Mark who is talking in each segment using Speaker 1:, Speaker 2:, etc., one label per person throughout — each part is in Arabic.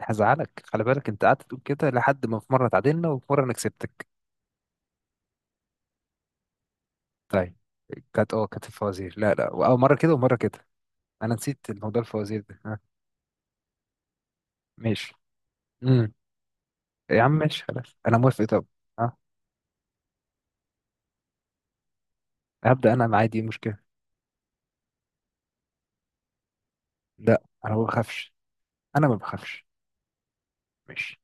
Speaker 1: هزعلك، خلي بالك انت قعدت تقول كده لحد ما في مره اتعادلنا وفي مره انا كسبتك. طيب، كانت الفوازير، لا لا مره كده ومره كده. انا نسيت الموضوع الفوازير ده، ها؟ ماشي. امم يا عم ماشي، خلاص انا موافق. طب، ها؟ هبدا انا، معايا دي مشكله. لا انا ما بخافش، انا ما بخافش. ماشي.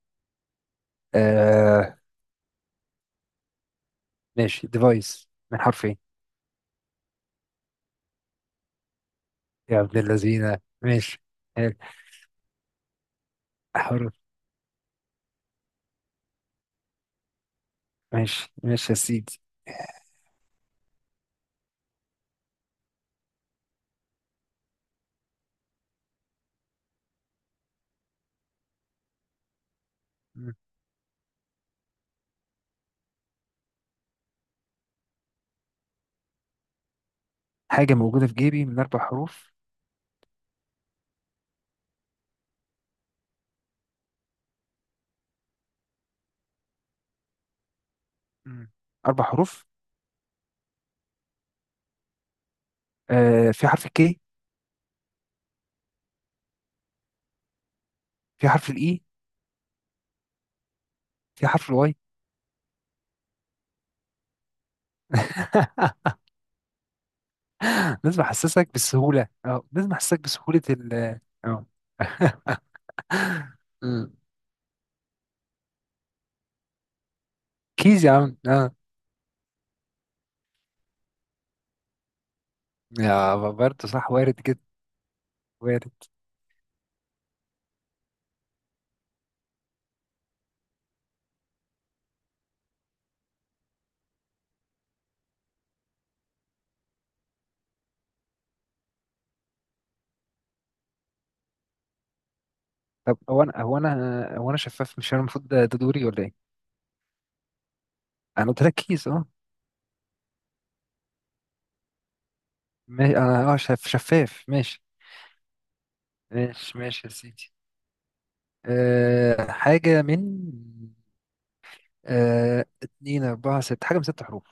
Speaker 1: آه. ماشي، ديفايس من حرفين. يا ابن اللذينه ماشي. حلو. حروف. ماشي ماشي يا سيدي. مم. حاجه موجوده في جيبي من اربع حروف. مم. اربع حروف. آه، في حرف الكي. في حرف الاي. في حرف الواي. لازم احسسك بالسهوله، لازم احسسك بسهوله ال. اه. مم. كيز يا عم، اه. يا، برضه صح، وارد جدا. وارد. طب هو انا، هو انا شفاف؟ مش انا المفروض ده ده دوري ولا ايه؟ انا قلت لك كيس اه. انا اه شفاف. ماشي. ماشي ماشي يا سيدي. أه، حاجة من، أه، اتنين أربعة ست حاجة من ست حروف.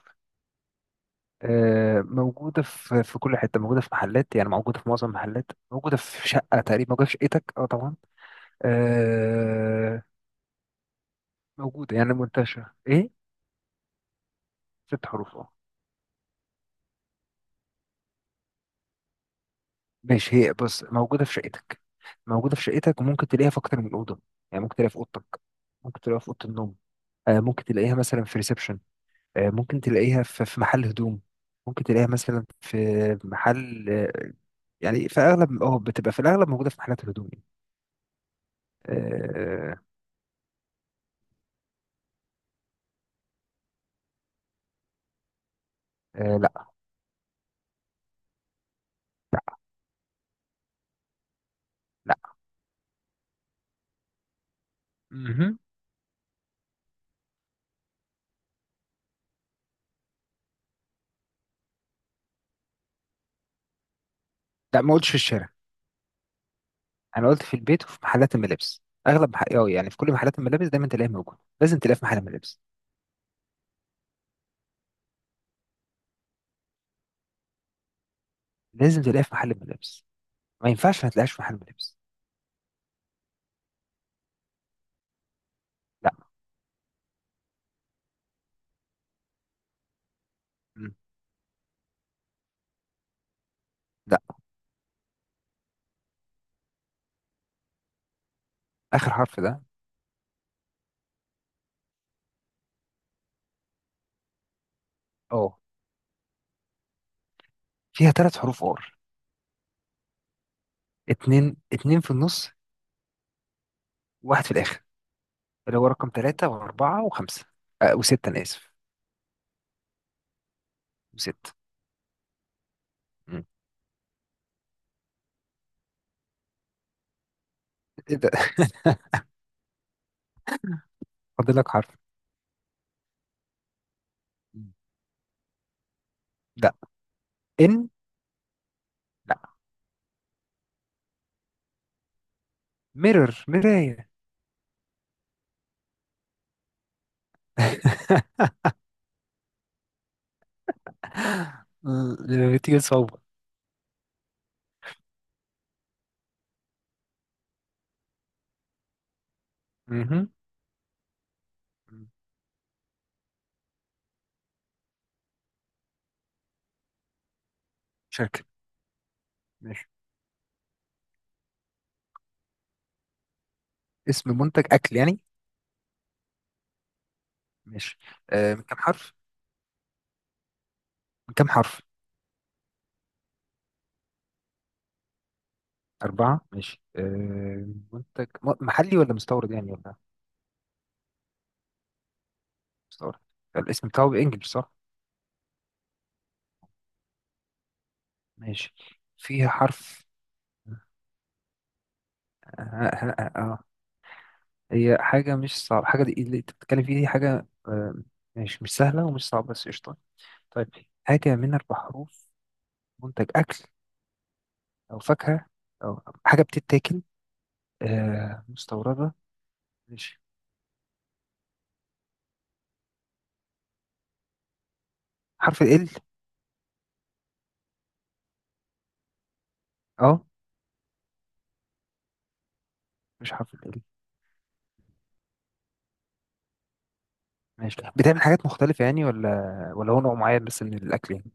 Speaker 1: آه، موجودة في في كل حتة، موجودة في محلات يعني، موجودة في معظم المحلات، موجودة في شقة تقريبا، موجودة في شقتك اه طبعا. آه، موجودة يعني، منتشرة ايه. ست حروف اه. ماشي، هي بص موجودة في شقتك. موجودة في شقتك وممكن تلاقيها في أكتر من أوضة. يعني ممكن تلاقيها في أوضتك، ممكن تلاقيها في أوضة النوم. آه، ممكن تلاقيها مثلا في ريسبشن. آه، ممكن تلاقيها في في محل هدوم. ممكن تلاقيها مثلا في محل، آه، يعني في أغلب اه، بتبقى في الأغلب موجودة في محلات الهدوم يعني. آه. آه. لا. مهم. لا، ما قلتش في الشارع. انا قلت في البيت وفي محلات الملابس، اغلب أو يعني في كل محلات الملابس دايما تلاقيه موجود، لازم تلاقيه في محل ملابس. لازم تلاقيه في محل ملابس، ما ينفعش ما تلاقيهاش في محل ملابس. لا. مم. لا. اخر حرف ده. اه. فيها ثلاث حروف ار. اتنين، اتنين في النص، واحد في الاخر. اللي هو رقم ثلاثة وأربعة وخمسة. أه، وستة، أنا آسف. وستة. مم. إيه ده؟ فاضل لك حرف. مم. لا. إن. لا. ميرور، مراية. لما بتيجي صعوبة. مهم. شركة. ماشي. اسم منتج أكل يعني. ماشي. آه، من كم حرف؟ من كم حرف؟ أربعة، ماشي. آه، منتج محلي ولا مستورد يعني، ولا؟ مستورد. الاسم بتاعه بالإنجلش صح؟ ماشي. فيها حرف. آه, آه. هي حاجة مش صعبة، حاجة دي اللي أنت بتتكلم فيها دي حاجة آه. ماشي، مش سهلة ومش صعبة بس قشطة. طيب، حاجة من أربع حروف، منتج أكل أو فاكهة أو حاجة بتتاكل، آه مستوردة. ماشي. حرف ال، اه. مش حرف ال. ماشي، بتعمل حاجات مختلفة يعني، ولا ولا هو نوع معين بس من الأكل يعني؟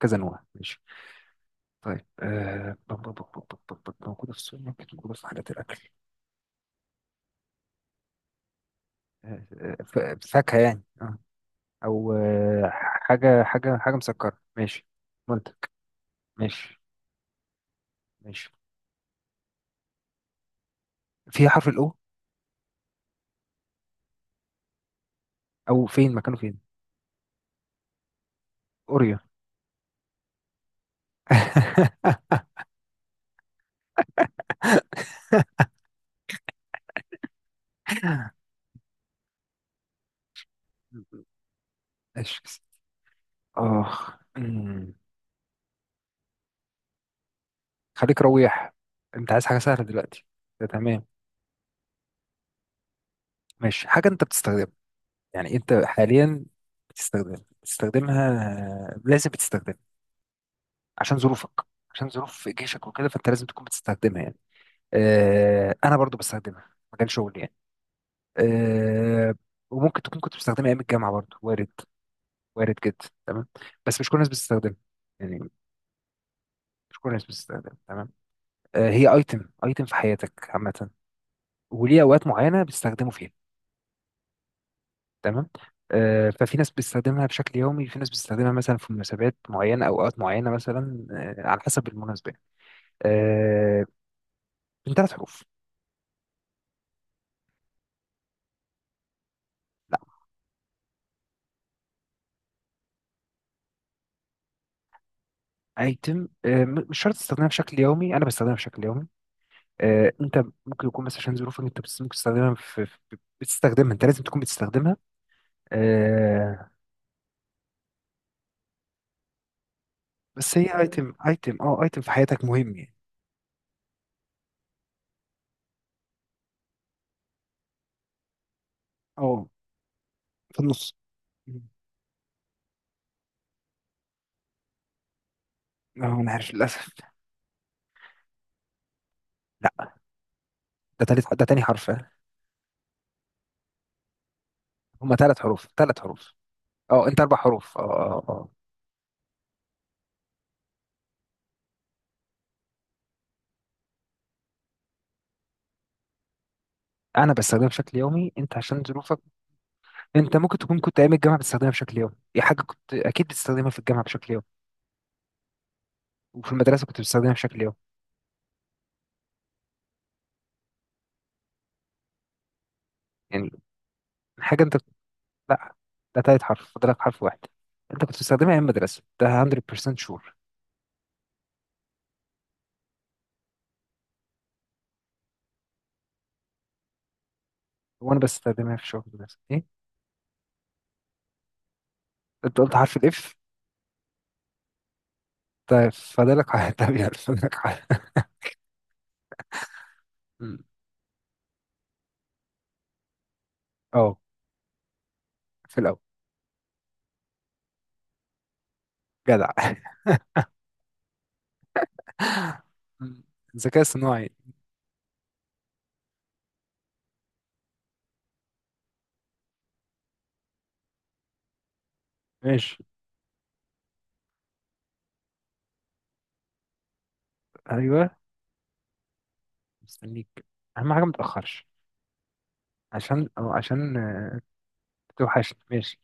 Speaker 1: كذا نوع، ماشي. طيب، موجودة في السوبر ماركت، موجودة في حاجات الأكل. آه... آه، ف- فاكهة يعني، آه. أو حاجة مسكرة، ماشي. منتج، ماشي. ماشي. فيها حرف الأو. أو فين، مكانه فين؟ أوريو. ماشي. آه أمم. خليك رويح. أنت عايز حاجة سهلة دلوقتي؟ ده تمام. ماشي، حاجة أنت بتستخدمها. يعني انت حاليا بتستخدم، بتستخدمها، لازم بتستخدمها عشان ظروفك، عشان ظروف جيشك وكده، فانت لازم تكون بتستخدمها يعني. اه، انا برضو بستخدمها في مجال شغلي يعني. اه. وممكن تكون كنت بستخدمها ايام الجامعه برضو، وارد. وارد جدا، تمام. بس مش كل الناس بتستخدمها يعني، مش كل الناس بتستخدمها، تمام. اه، هي ايتم، ايتم في حياتك عامه، وليه اوقات معينه بتستخدمه فيها. تمام. آه، ففي ناس بتستخدمها بشكل يومي، في ناس بتستخدمها مثلا في مناسبات معينة أو أوقات معينة مثلا. آه، على حسب المناسبة. آه. من ثلاث حروف. لا. ايتم، آه، مش شرط تستخدمها بشكل يومي، أنا بستخدمها بشكل يومي. آه، أنت ممكن يكون مثلا عشان ظروفك أنت ممكن تستخدمها في بتستخدمها، أنت لازم تكون بتستخدمها. آه. بس هي ايتم، ايتم، أه ايتم في حياتك مهم يعني. أه. في النص. أه، أنا عارف للأسف. لا. ده تالت، ده تاني حرف آه. هما ثلاث حروف، ثلاث حروف. اه انت، اربع حروف، اه اه اه آه. انا بستخدمها بشكل يومي، انت عشان ظروفك انت ممكن تكون كنت ايام الجامعه بتستخدمها بشكل يومي، دي حاجه كنت اكيد بتستخدمها في الجامعه بشكل يومي، وفي المدرسه كنت بتستخدمها بشكل يومي يعني. حاجه انت. لا. ده تالت حرف، فاضلك حرف واحد. انت كنت بتستخدمها ايام المدرسه، ده 100% شور. وانا بستخدمها في شغل المدرسه ايه. انت قلت حرف الاف. طيب فاضلك ح-. طب يلا فاضلك ح-. م. اه. في الاول. جدع. م. الذكاء الصناعي. ماشي. ايوه. مستنيك، اهم حاجه ما تاخرش، عشان أو عشان آه، توحشني. ماشي.